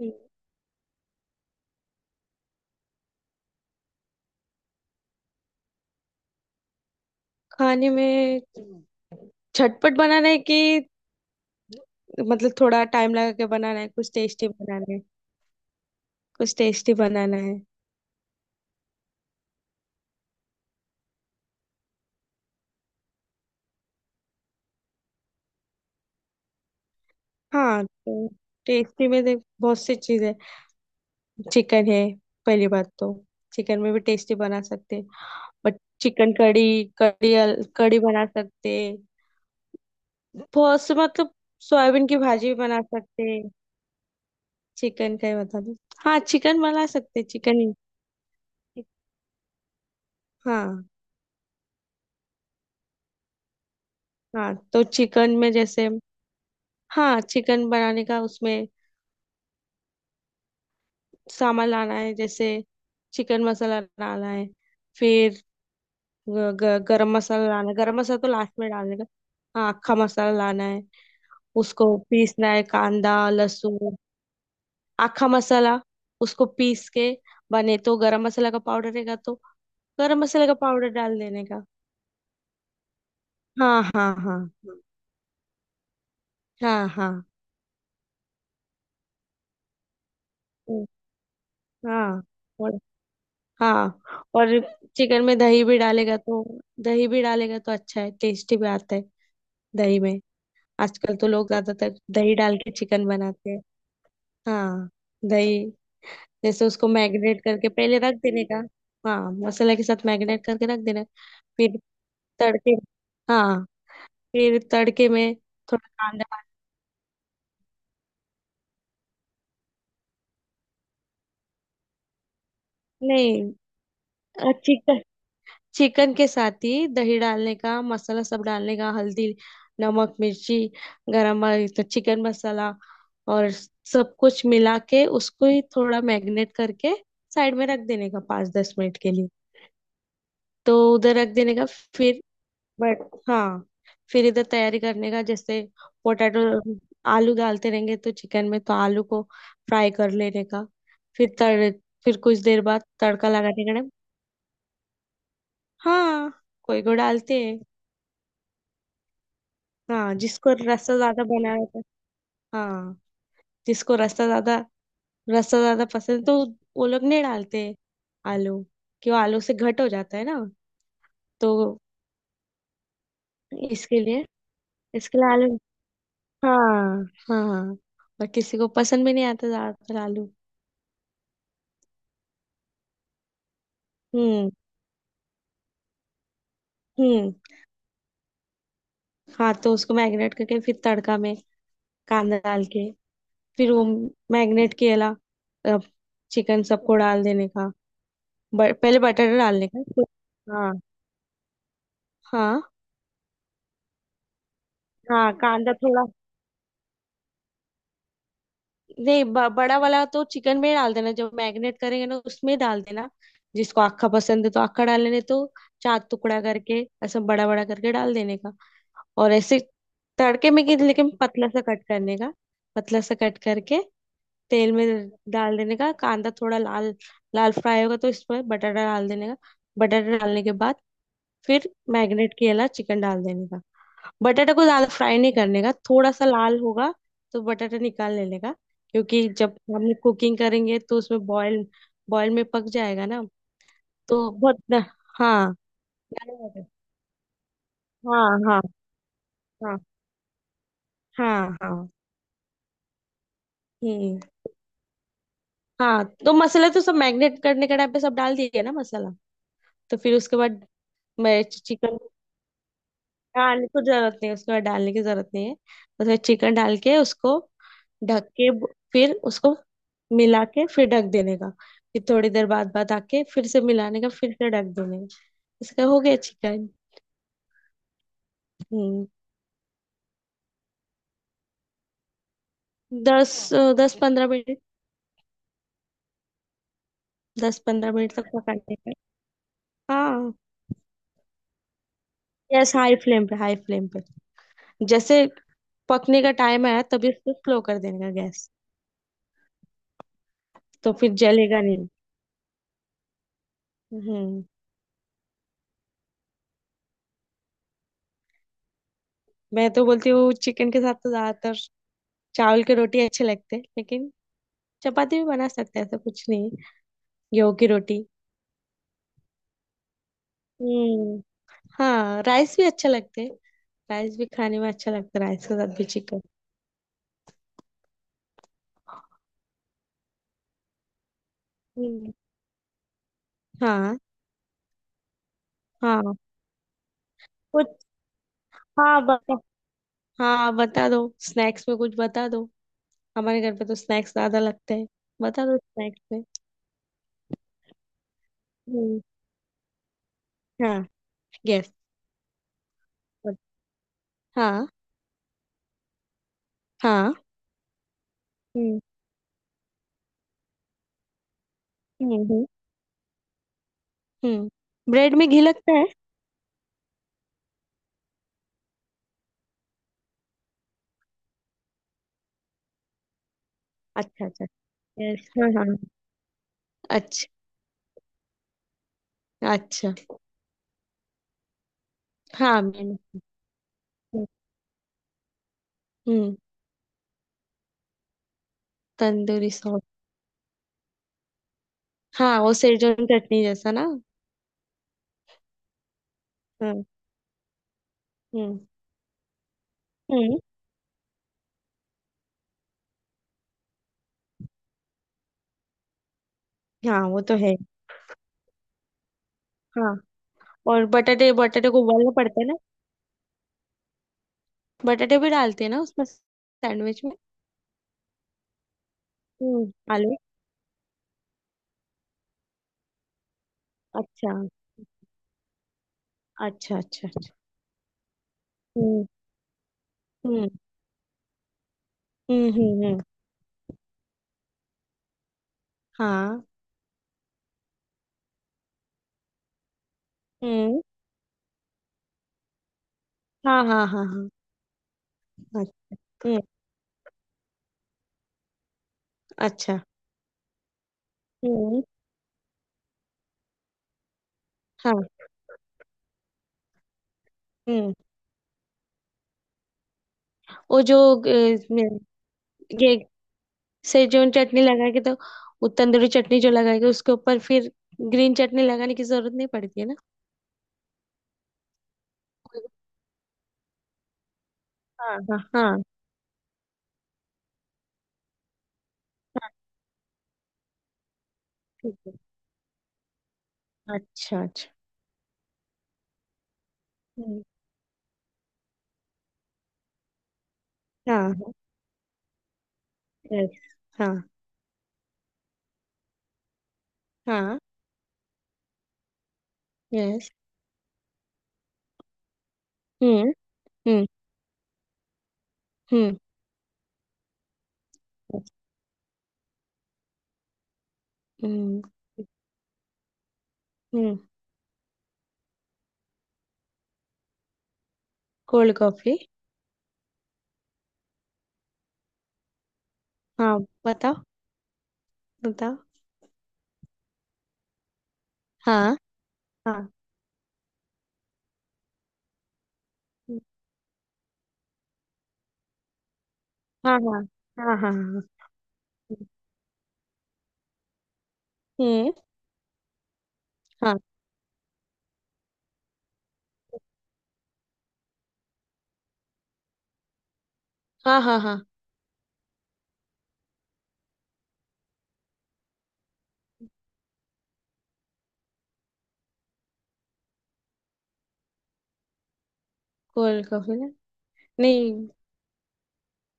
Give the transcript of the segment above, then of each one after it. हम्म। खाने में झटपट बनाना है कि मतलब थोड़ा टाइम लगा के बनाना है, कुछ टेस्टी बनाना है। कुछ टेस्टी बनाना है। हाँ तो टेस्टी में देख, बहुत सी चीजें। चिकन है। पहली बात तो चिकन में भी टेस्टी बना सकते हैं। बट चिकन कड़ी कड़ी कड़ी बना सकते हैं। बहुत से मतलब सोयाबीन की भाजी भी बना सकते हैं। चिकन का ही बता दो। हाँ, चिकन बना सकते हैं, चिकन ही। हाँ। हाँ तो चिकन में जैसे, हाँ, चिकन बनाने का। उसमें सामान लाना है, जैसे चिकन मसाला लाना है। फिर ग, ग, गरम मसाला लाना है, गरम मसाला तो लास्ट में डालने का। हाँ, आखा मसाला लाना है। उसको पीसना है, कांदा लहसुन आखा मसाला उसको पीस के बने तो गरम मसाला का पाउडर रहेगा, तो गरम मसाले का पाउडर डाल देने का। हाँ हाँ हाँ। हाँ हाँ हाँ। हाँ हाँ। और चिकन में दही भी डालेगा तो, दही भी डालेगा तो अच्छा है, टेस्टी भी आता है दही में। आजकल तो लोग ज्यादातर दही डाल के चिकन बनाते हैं। हाँ। दही जैसे उसको मैरिनेट करके पहले रख देने का। हाँ, मसाला के साथ मैरिनेट करके रख देना। फिर तड़के। हाँ। फिर तड़के में थोड़ा कांदा। नहीं, चिकन, चिकन के साथ ही दही डालने का, मसाला सब डालने का, हल्दी, नमक, मिर्ची, गरम मसाला, चिकन मसाला, और सब कुछ मिला के उसको ही थोड़ा मैरिनेट करके साइड में रख देने का, 5-10 मिनट के लिए। तो उधर रख देने का। फिर, बट हाँ, फिर इधर तैयारी करने का, जैसे पोटैटो। आलू डालते रहेंगे तो चिकन में, तो आलू को फ्राई कर लेने का। फिर तड़ फिर कुछ देर बाद तड़का लगाने का। हाँ, कोई को डालते हैं। हाँ, जिसको रस्ता ज्यादा बना रहता है। हाँ, जिसको रस्ता ज्यादा, रस्ता ज्यादा पसंद है, तो वो लोग नहीं डालते आलू। क्यों, आलू से घट हो जाता है ना। तो इसके लिए इसके लिए आलू। हाँ हाँ हाँ, और किसी को पसंद भी नहीं आता ज्यादातर आलू। हम्म। हम्म। हाँ तो उसको मैरिनेट करके फिर तड़का में कांदा डाल के फिर वो मैरिनेट किया चिकन सबको डाल देने का। पहले बटाटा डालने का। हाँ हाँ हाँ, कांदा थोड़ा। नहीं, बड़ा वाला तो चिकन में ही डाल देना, जब मैरिनेट करेंगे ना उसमें डाल देना। जिसको आखा पसंद है तो आखा डाल लेने तो, चार टुकड़ा करके ऐसा बड़ा बड़ा करके डाल देने का। और ऐसे तड़के में कि लेकिन पतला सा कट करने का, पतला सा कट करके तेल में डाल देने का। कांदा थोड़ा लाल, लाल फ्राई होगा तो इसमें बटाटा डाल देने का। बटाटा डालने के बाद फिर मैरिनेट किया चिकन डाल देने का। बटाटा को ज्यादा फ्राई नहीं करने का, थोड़ा सा लाल होगा तो बटाटा निकाल लेने का। क्योंकि जब हम कुकिंग करेंगे तो उसमें बॉईल, बॉईल में पक जाएगा ना, तो बहुत। हाँ हाँ। हाँ हाँ। हाँ हाँ। हम्म। हाँ तो मसाला तो सब मैरिनेट करने के टाइम पे सब डाल दिया ना मसाला। तो फिर उसके बाद मैं चिकन, हाँ नहीं, कुछ जरूरत नहीं, उसको डालने की जरूरत नहीं है। उसमें चिकन डाल के उसको ढक के, फिर उसको मिला के फिर ढक देने का। फिर थोड़ी देर बाद बाद आके फिर से मिलाने का, फिर से ढक देने का। इसका हो गया चिकन। हम्म। 10-15 मिनट। 10-15 मिनट तक पकाने का। हाँ, गैस हाई फ्लेम पे, हाई फ्लेम पे। जैसे पकने का टाइम आया तभी उसको स्लो कर देने का गैस। तो फिर जलेगा नहीं। हम्म। मैं तो बोलती हूँ चिकन के साथ तो ज्यादातर चावल की रोटी अच्छे लगते हैं, लेकिन चपाती भी बना सकते हैं, ऐसा कुछ नहीं है। गेहूं की रोटी। हम्म। हाँ, राइस भी अच्छे लगते हैं। राइस भी खाने में अच्छा लगता है, राइस के साथ भी चिकन। हम्म। हाँ हाँ। कुछ? हाँ बता। हाँ बता दो, स्नैक्स में कुछ बता दो। हमारे घर पे तो स्नैक्स ज्यादा लगते हैं। बता दो स्नैक्स में। हम्म। हाँ, गेस। हाँ। हाँ। हम्म। हम्म। हम्म। ब्रेड में घी लगता है? अच्छा अच्छा। यस, हाँ हाँ। अच्छा। अच्छा। हाँ, मैंने। हम्म। तंदूरी सॉस। हाँ, वो सेजवान चटनी जैसा ना। हाँ। हम्म। हम्म। हाँ, वो तो है। हाँ। और बटाटे, बटाटे को उबालना पड़ता है ना? बटाटे भी डालते हैं ना उसमें, सैंडविच में? हम्म, आलू। अच्छा अच्छा अच्छा। अच्छा। हम्म हम्म हम्म। हाँ। हम्म। हाँ हाँ हाँ हाँ। हाँ, हम्म। अच्छा। हम्म। हाँ। हम्म। वो जो सेजोन चटनी लगा के तो, वो तंदूरी चटनी जो लगा के उसके ऊपर फिर ग्रीन चटनी लगाने की जरूरत नहीं पड़ती है ना? हाँ हाँ हाँ हाँ, ठीक है। अच्छा अच्छा। हम्म, हाँ हाँ। यस। हाँ हाँ। यस। हम्म। हम्म। हम्म। हम्म। हम्म। Cold coffee? हाँ। बताओ, बताओ। हाँ। हाँ। हम्म, हाँ हाँ हाँ। हाँ हाँ। हम्म। हाँ हाँ हाँ हाँ। कोल्ड कॉफी ना? नहीं।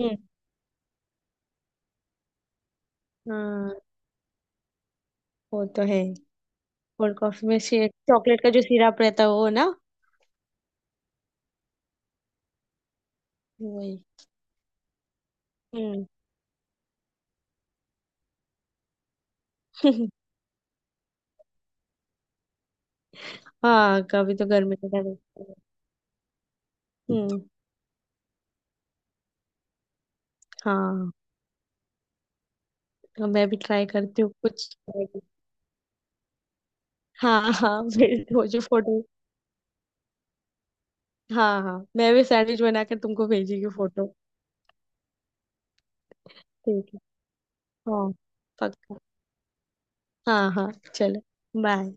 हम्म। हाँ, वो तो है। कोल्ड कॉफी में से चॉकलेट का जो सिरप रहता है वो ना। वही। हम्म। हाँ, कभी तो गर्मी का टाइम। हम्म। हाँ तो मैं भी ट्राई करती हूँ कुछ। हाँ हाँ, भेज दो जो फोटो। हाँ हाँ, मैं भी सैंडविच बनाकर तुमको भेजेगी फोटो। ठीक है। हाँ पक्का। हाँ हाँ चलो। बाय।